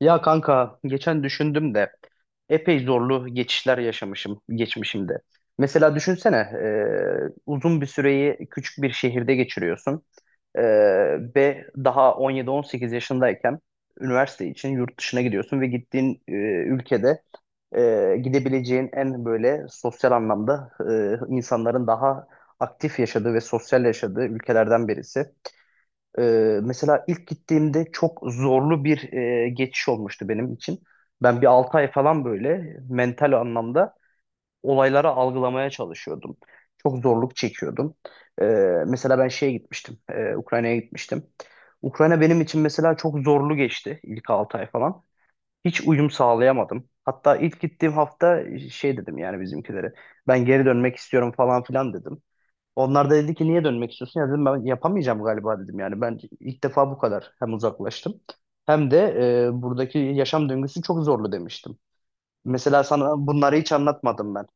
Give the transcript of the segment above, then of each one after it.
Ya kanka geçen düşündüm de epey zorlu geçişler yaşamışım geçmişimde. Mesela düşünsene uzun bir süreyi küçük bir şehirde geçiriyorsun. E, Ve daha 17-18 yaşındayken üniversite için yurt dışına gidiyorsun ve gittiğin ülkede gidebileceğin en böyle sosyal anlamda, insanların daha aktif yaşadığı ve sosyal yaşadığı ülkelerden birisi. Mesela ilk gittiğimde çok zorlu bir geçiş olmuştu benim için. Ben bir 6 ay falan böyle mental anlamda olayları algılamaya çalışıyordum. Çok zorluk çekiyordum. Ee, mesela ben şeye gitmiştim, Ukrayna'ya gitmiştim. Ukrayna benim için mesela çok zorlu geçti ilk 6 ay falan. Hiç uyum sağlayamadım. Hatta ilk gittiğim hafta şey dedim yani bizimkilere. Ben geri dönmek istiyorum falan filan dedim. Onlar da dedi ki niye dönmek istiyorsun? Ya dedim ben yapamayacağım galiba dedim yani. Ben ilk defa bu kadar hem uzaklaştım hem de buradaki yaşam döngüsü çok zorlu demiştim. Mesela sana bunları hiç anlatmadım ben.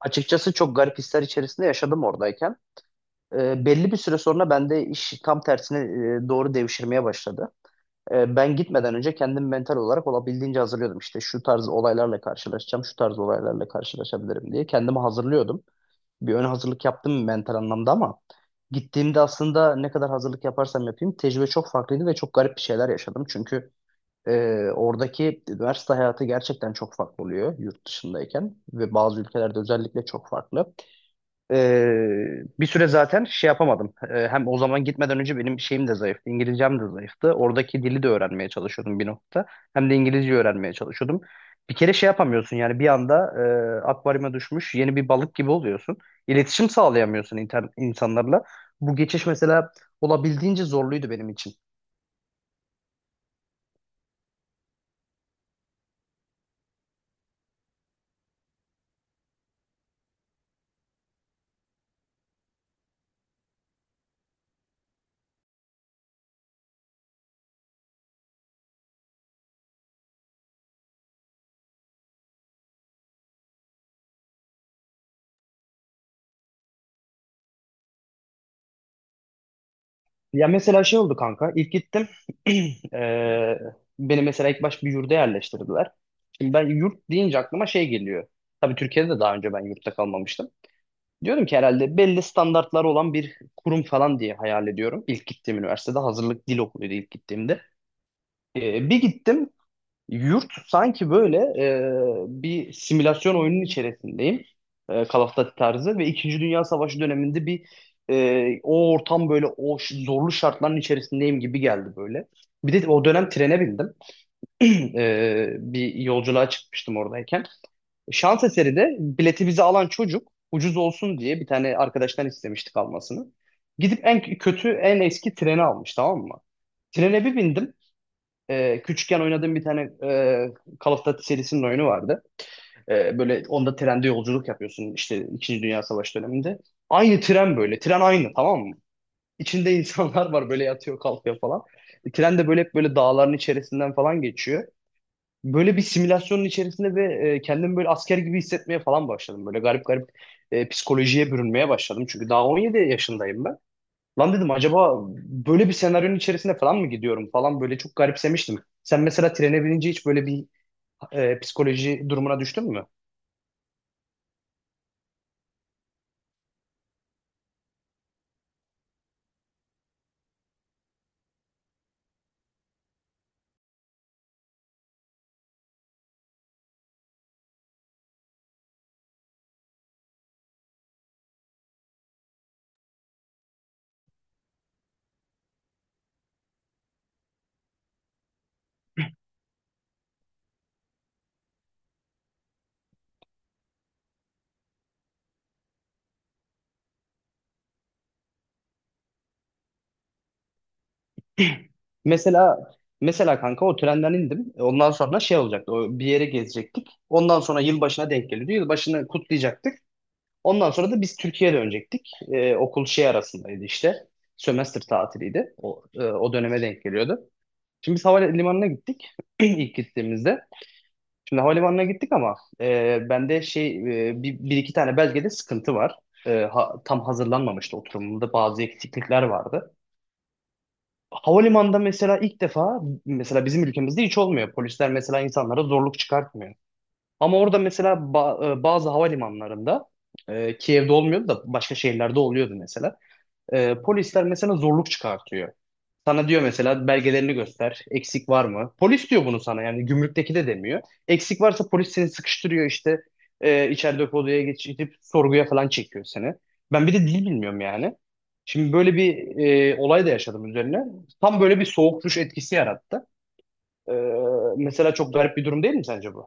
Açıkçası çok garip hisler içerisinde yaşadım oradayken. Belli bir süre sonra bende iş tam tersine doğru devşirmeye başladı. Ben gitmeden önce kendim mental olarak olabildiğince hazırlıyordum. İşte şu tarz olaylarla karşılaşacağım, şu tarz olaylarla karşılaşabilirim diye kendimi hazırlıyordum. Bir ön hazırlık yaptım mental anlamda ama gittiğimde aslında ne kadar hazırlık yaparsam yapayım tecrübe çok farklıydı ve çok garip bir şeyler yaşadım. Çünkü e, oradaki üniversite hayatı gerçekten çok farklı oluyor yurt dışındayken ve bazı ülkelerde özellikle çok farklı. Bir süre zaten şey yapamadım. Hem o zaman gitmeden önce benim şeyim de zayıftı. İngilizcem de zayıftı. Oradaki dili de öğrenmeye çalışıyordum bir nokta. Hem de İngilizce öğrenmeye çalışıyordum. Bir kere şey yapamıyorsun yani bir anda akvaryuma düşmüş yeni bir balık gibi oluyorsun. İletişim sağlayamıyorsun insanlarla. Bu geçiş mesela olabildiğince zorluydu benim için. Ya mesela şey oldu kanka. İlk gittim. Eee, beni mesela ilk baş bir yurda yerleştirdiler. Şimdi ben yurt deyince aklıma şey geliyor. Tabii Türkiye'de de daha önce ben yurtta kalmamıştım. Diyorum ki herhalde belli standartları olan bir kurum falan diye hayal ediyorum. İlk gittiğim üniversitede hazırlık dil okuluydu ilk gittiğimde. Bir gittim, yurt sanki böyle bir simülasyon oyunun içerisindeyim. Call of Duty tarzı ve İkinci Dünya Savaşı döneminde bir, o ortam böyle zorlu şartların içerisindeyim gibi geldi böyle. Bir de o dönem trene bindim. Bir yolculuğa çıkmıştım oradayken. Şans eseri de bileti bize alan çocuk ucuz olsun diye bir tane arkadaştan istemiştik almasını. Gidip en kötü en eski treni almış, tamam mı? Trene bir bindim. Küçükken oynadığım bir tane Call of Duty serisinin oyunu vardı. Böyle onda trende yolculuk yapıyorsun işte İkinci Dünya Savaşı döneminde. Aynı tren böyle. Tren aynı, tamam mı? İçinde insanlar var böyle, yatıyor kalkıyor falan. Tren de böyle hep böyle dağların içerisinden falan geçiyor. Böyle bir simülasyonun içerisinde ve kendimi böyle asker gibi hissetmeye falan başladım. Böyle garip garip psikolojiye bürünmeye başladım. Çünkü daha 17 yaşındayım ben. Lan dedim acaba böyle bir senaryonun içerisine falan mı gidiyorum falan, böyle çok garipsemiştim. Sen mesela trene binince hiç böyle bir psikoloji durumuna düştün mü? Mesela mesela kanka o trenden indim. Ondan sonra şey olacaktı. O bir yere gezecektik. Ondan sonra yılbaşına denk geliyordu. Yılbaşını kutlayacaktık. Ondan sonra da biz Türkiye'ye dönecektik. E, okul şey arasındaydı işte. Sömestr tatiliydi. O, o döneme denk geliyordu. Şimdi biz havalimanına gittik ilk gittiğimizde. Şimdi havalimanına gittik ama bende şey, bir, bir iki tane belgede sıkıntı var. E, tam hazırlanmamıştı, oturumumda bazı eksiklikler vardı. Havalimanında mesela ilk defa, mesela bizim ülkemizde hiç olmuyor. Polisler mesela insanlara zorluk çıkartmıyor. Ama orada mesela bazı havalimanlarında, Kiev'de olmuyordu da başka şehirlerde oluyordu mesela. Polisler mesela zorluk çıkartıyor. Sana diyor mesela belgelerini göster. Eksik var mı? Polis diyor bunu sana yani, gümrükteki de demiyor. Eksik varsa polis seni sıkıştırıyor işte, içeride odaya geçirip sorguya falan çekiyor seni. Ben bir de dil bilmiyorum yani. Şimdi böyle bir olay da yaşadım üzerine. Tam böyle bir soğuk duş etkisi yarattı. E, mesela çok garip bir durum değil mi sence bu?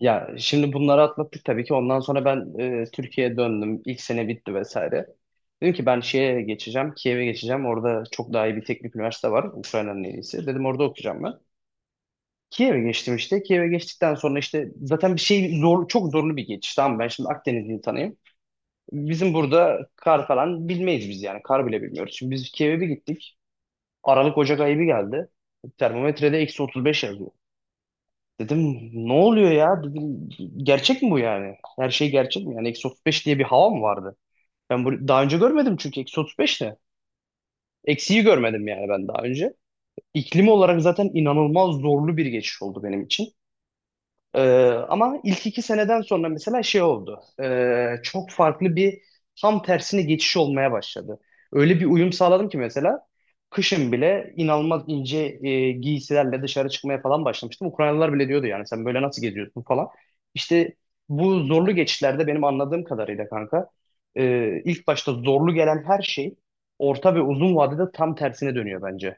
Ya şimdi bunları atlattık tabii ki. Ondan sonra ben Türkiye'ye döndüm. İlk sene bitti vesaire. Dedim ki ben şeye geçeceğim, Kiev'e geçeceğim. Orada çok daha iyi bir teknik üniversite var. Ukrayna'nın en iyisi. Dedim orada okuyacağım ben. Kiev'e geçtim işte. Kiev'e geçtikten sonra işte zaten bir şey zor, çok zorlu bir geçiş. Tamam mı? Ben şimdi Akdeniz insanıyım. Bizim burada kar falan bilmeyiz biz yani. Kar bile bilmiyoruz. Şimdi biz Kiev'e bir gittik. Aralık Ocak ayı bir geldi. Termometrede eksi 35 yazıyor. Dedim ne oluyor ya? Dedim gerçek mi bu yani? Her şey gerçek mi? Yani eksi 35 diye bir hava mı vardı? Ben bu daha önce görmedim çünkü eksi 35 ne? Eksiyi görmedim yani ben daha önce. İklim olarak zaten inanılmaz zorlu bir geçiş oldu benim için. Ee, ama ilk iki seneden sonra mesela şey oldu. Çok farklı bir tam tersine geçiş olmaya başladı. Öyle bir uyum sağladım ki mesela kışın bile inanılmaz ince giysilerle dışarı çıkmaya falan başlamıştım. Ukraynalılar bile diyordu yani sen böyle nasıl geziyorsun falan. İşte bu zorlu geçişlerde benim anladığım kadarıyla kanka, ilk başta zorlu gelen her şey orta ve uzun vadede tam tersine dönüyor bence.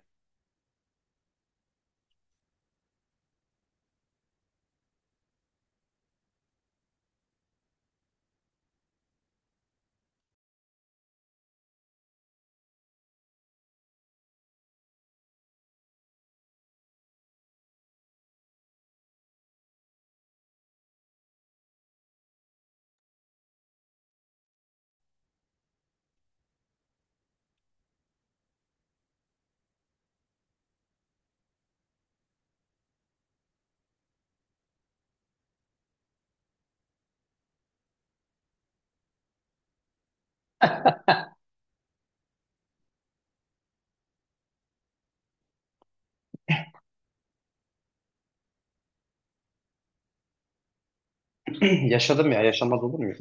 Yaşadım ya, yaşamaz olur mu?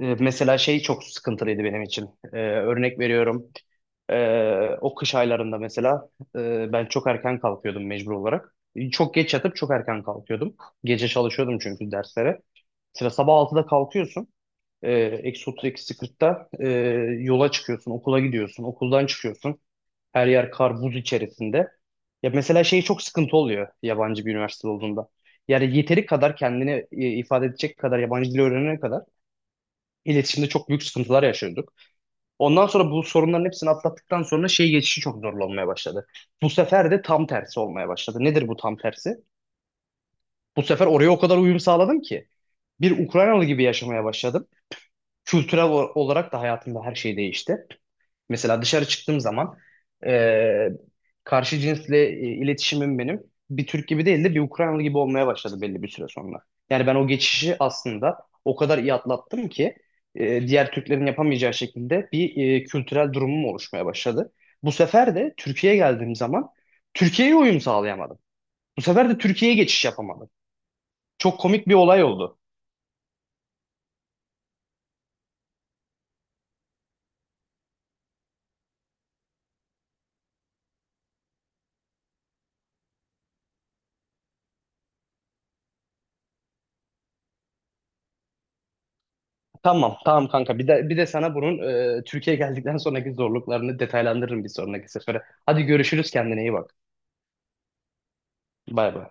E, mesela şey çok sıkıntılıydı benim için. E, örnek veriyorum. O kış aylarında mesela ben çok erken kalkıyordum mecbur olarak. E, çok geç yatıp çok erken kalkıyordum. Gece çalışıyordum çünkü derslere. Mesela sabah altıda kalkıyorsun. E, eksi 30, eksi 40'ta yola çıkıyorsun, okula gidiyorsun, okuldan çıkıyorsun. Her yer kar, buz içerisinde. Ya mesela şey çok sıkıntı oluyor yabancı bir üniversite olduğunda. Yani yeteri kadar kendini ifade edecek kadar yabancı dil öğrenene kadar İletişimde çok büyük sıkıntılar yaşıyorduk. Ondan sonra bu sorunların hepsini atlattıktan sonra şey geçişi çok zorlu olmaya başladı. Bu sefer de tam tersi olmaya başladı. Nedir bu tam tersi? Bu sefer oraya o kadar uyum sağladım ki bir Ukraynalı gibi yaşamaya başladım. Kültürel olarak da hayatımda her şey değişti. Mesela dışarı çıktığım zaman e, karşı cinsle iletişimim benim bir Türk gibi değil de bir Ukraynalı gibi olmaya başladı belli bir süre sonra. Yani ben o geçişi aslında o kadar iyi atlattım ki diğer Türklerin yapamayacağı şekilde bir kültürel durumum oluşmaya başladı. Bu sefer de Türkiye'ye geldiğim zaman Türkiye'ye uyum sağlayamadım. Bu sefer de Türkiye'ye geçiş yapamadım. Çok komik bir olay oldu. Tamam, tamam kanka. Bir de sana bunun Türkiye geldikten sonraki zorluklarını detaylandırırım bir sonraki sefere. Hadi görüşürüz, kendine iyi bak. Bay bay.